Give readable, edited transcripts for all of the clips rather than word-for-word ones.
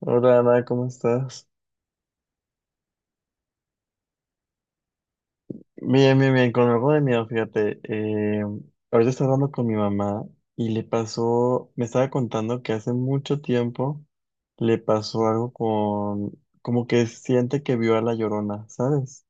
Hola Ana, ¿cómo estás? Bien, bien, bien, con algo de miedo, fíjate. Ahorita estaba hablando con mi mamá y me estaba contando que hace mucho tiempo le pasó algo con, como que siente que vio a la Llorona, ¿sabes?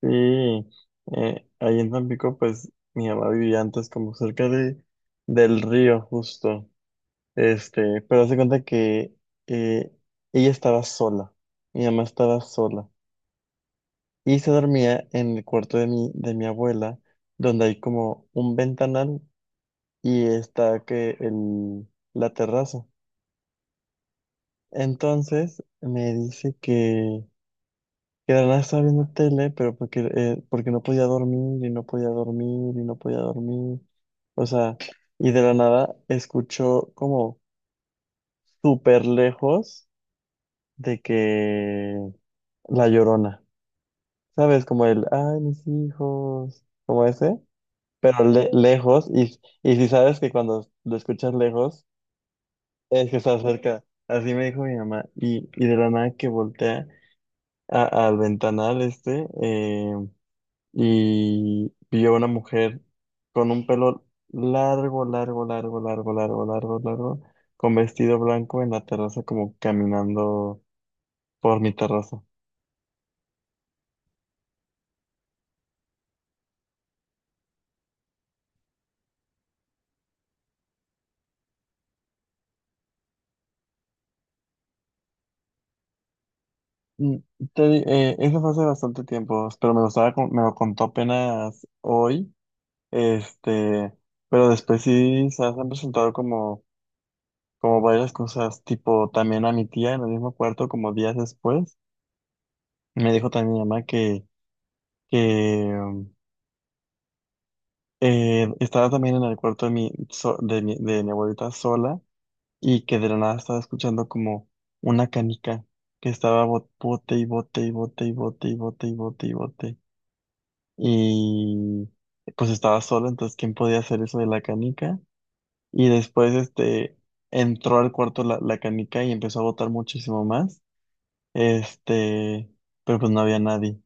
Sí, ahí en Tampico, pues mi mamá vivía antes como cerca de, del río, justo. Este, pero hace cuenta que eh, ella estaba sola, mi mamá estaba sola. Y se dormía en el cuarto de de mi abuela, donde hay como un ventanal y está la terraza. Entonces me dice que de la nada estaba viendo tele, pero porque, porque no podía dormir y no podía dormir y no podía dormir. O sea, y de la nada escuchó como súper lejos de que la llorona, ¿sabes? Como el, ay, mis hijos, como ese. Pero lejos, y si sabes que cuando lo escuchas lejos, es que está cerca. Así me dijo mi mamá, y de la nada que voltea al ventanal este, y vio una mujer con un pelo largo, largo, largo, largo, largo, largo, largo, con vestido blanco en la terraza, como caminando por mi terraza. Mm, Eso fue hace bastante tiempo, pero me me lo contó apenas hoy. Este, pero después sí se han presentado como, como varias cosas, tipo también a mi tía en el mismo cuarto, como días después, me dijo también mi mamá que estaba también en el cuarto de de de mi abuelita sola y que de la nada estaba escuchando como una canica que estaba bote y bote y bote y bote y bote y bote y bote. Y pues estaba sola, entonces ¿quién podía hacer eso de la canica? Y después este, entró al cuarto la canica y empezó a botar muchísimo más. Este, pero pues no había nadie.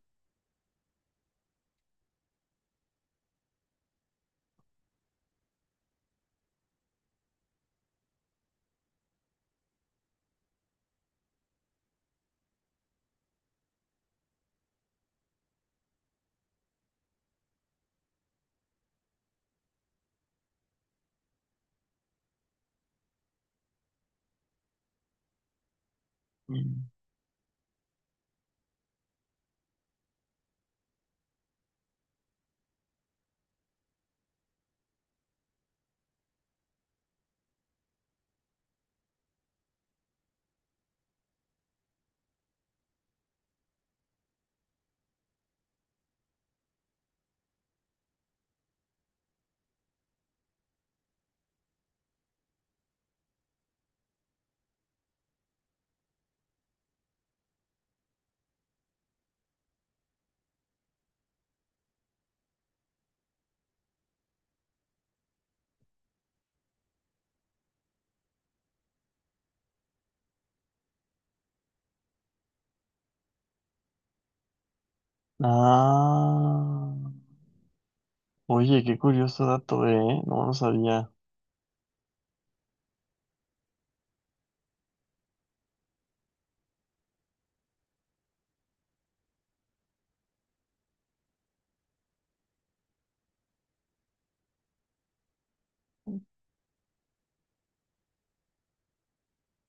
Mm. Ah, oye, qué curioso dato, ¿eh? No lo sabía.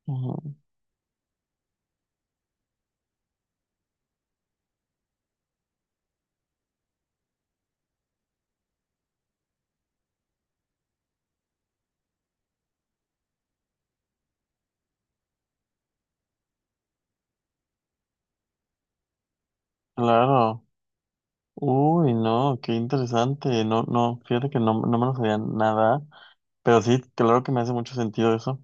Ujú. Claro. Uy, no, qué interesante. No, no, fíjate que no, no me lo sabía nada. Pero sí, claro que me hace mucho sentido eso.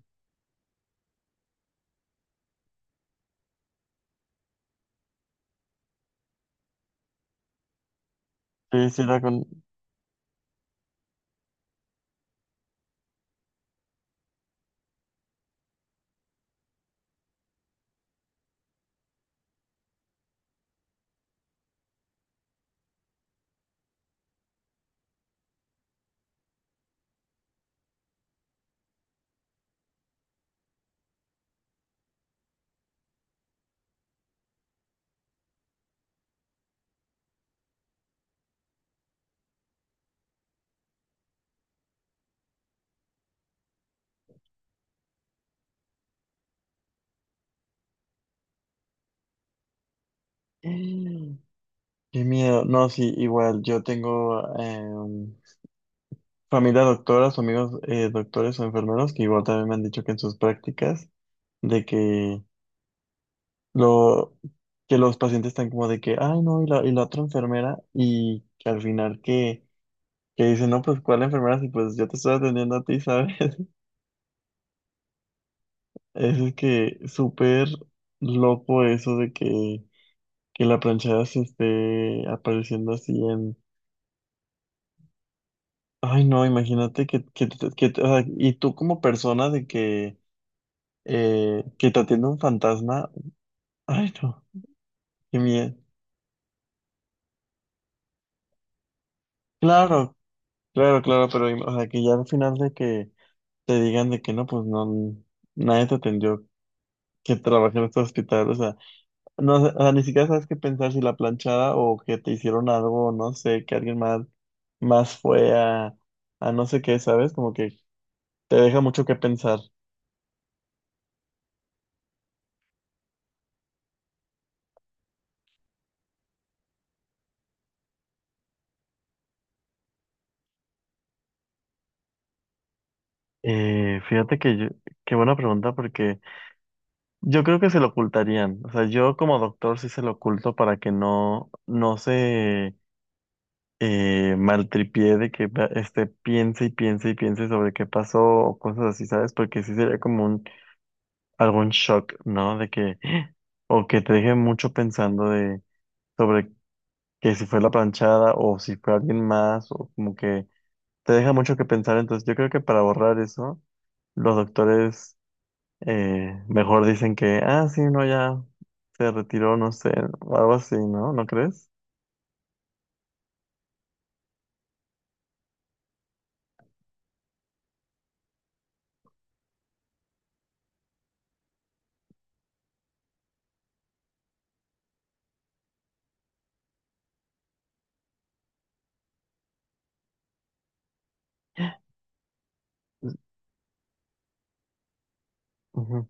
Sí, sí, era con... Qué miedo. No, sí, igual, yo tengo... familia doctoras, o amigos doctores o enfermeros que igual también me han dicho que en sus prácticas de que lo que los pacientes están como de que, ay no, y y la otra enfermera y que al final que dicen, no, pues ¿cuál enfermera? Si pues yo te estoy atendiendo a ti, ¿sabes? Es que súper loco eso de que la planchada se esté apareciendo así en, ay no, imagínate que, o sea, y tú como persona de que te atiende un fantasma. Ay, no, qué miedo. Claro, claro, claro, pero o sea, que ya al final de que te digan de que no, pues no, nadie te atendió que trabajé en este hospital, o sea, no, sé, o sea, ni siquiera sabes qué pensar si la planchada o que te hicieron algo, no sé, que alguien más, más fue a no sé qué, ¿sabes? Como que te deja mucho que pensar. Fíjate que yo, qué buena pregunta, porque yo creo que se lo ocultarían, o sea, yo como doctor sí se lo oculto para que no, no se maltripié de que este, piense y piense y piense sobre qué pasó o cosas así, ¿sabes? Porque sí sería como un, algún shock, ¿no? De que, ¡Ah! O que te deje mucho pensando de, sobre que si fue la planchada o si fue alguien más, o como que te deja mucho que pensar. Entonces yo creo que para borrar eso, los doctores mejor dicen que, ah, sí, no, ya se retiró, no sé, o algo así, ¿no? ¿No crees? Ujú.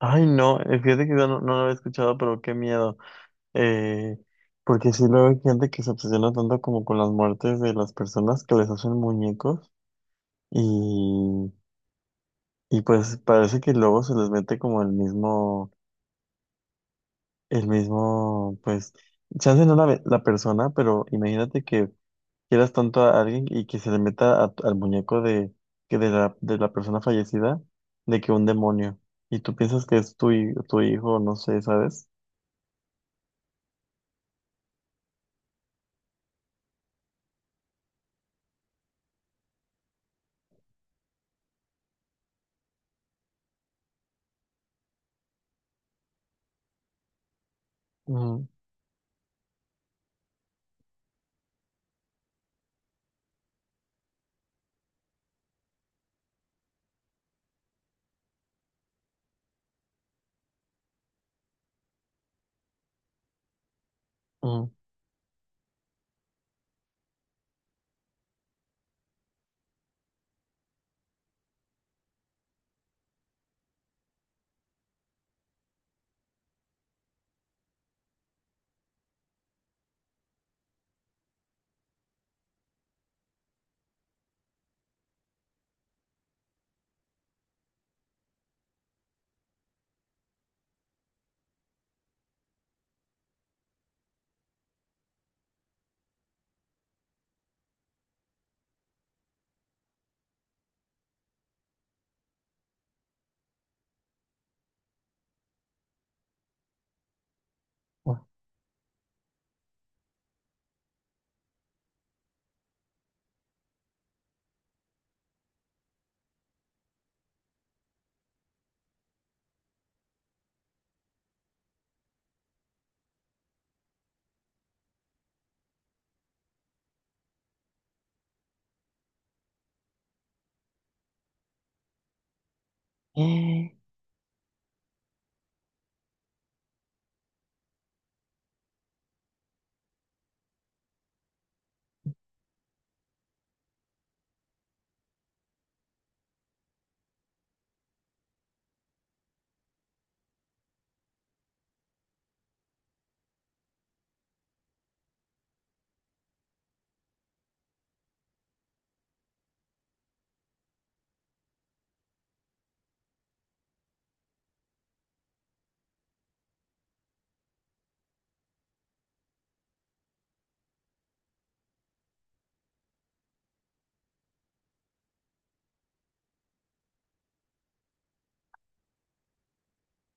Ay, no, fíjate que yo no, no lo había escuchado, pero qué miedo. Eh, Porque sí luego hay gente que se obsesiona tanto como con las muertes de las personas que les hacen muñecos y, y pues parece que luego se les mete como el mismo, pues, chance no la persona, pero imagínate que quieras tanto a alguien y que se le meta al muñeco de, que de de la persona fallecida, de que un demonio. Y tú piensas que es tu, tu hijo, no sé, ¿sabes? Ujú, ujú.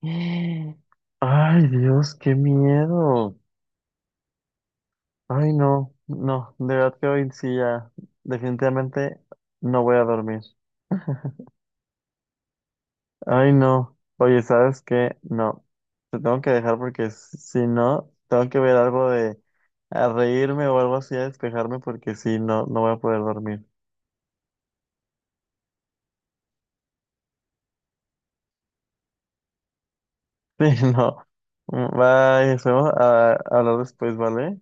Ay, Dios, qué miedo. Ay, no, no, de verdad que hoy sí ya, definitivamente no voy a dormir. Ay, no. Oye, ¿sabes qué? No, te tengo que dejar porque si no, tengo que ver algo de a reírme o algo así a despejarme porque si no, no voy a poder dormir. Sí, no. Mm, bye, esperemos a hablar después, ¿vale?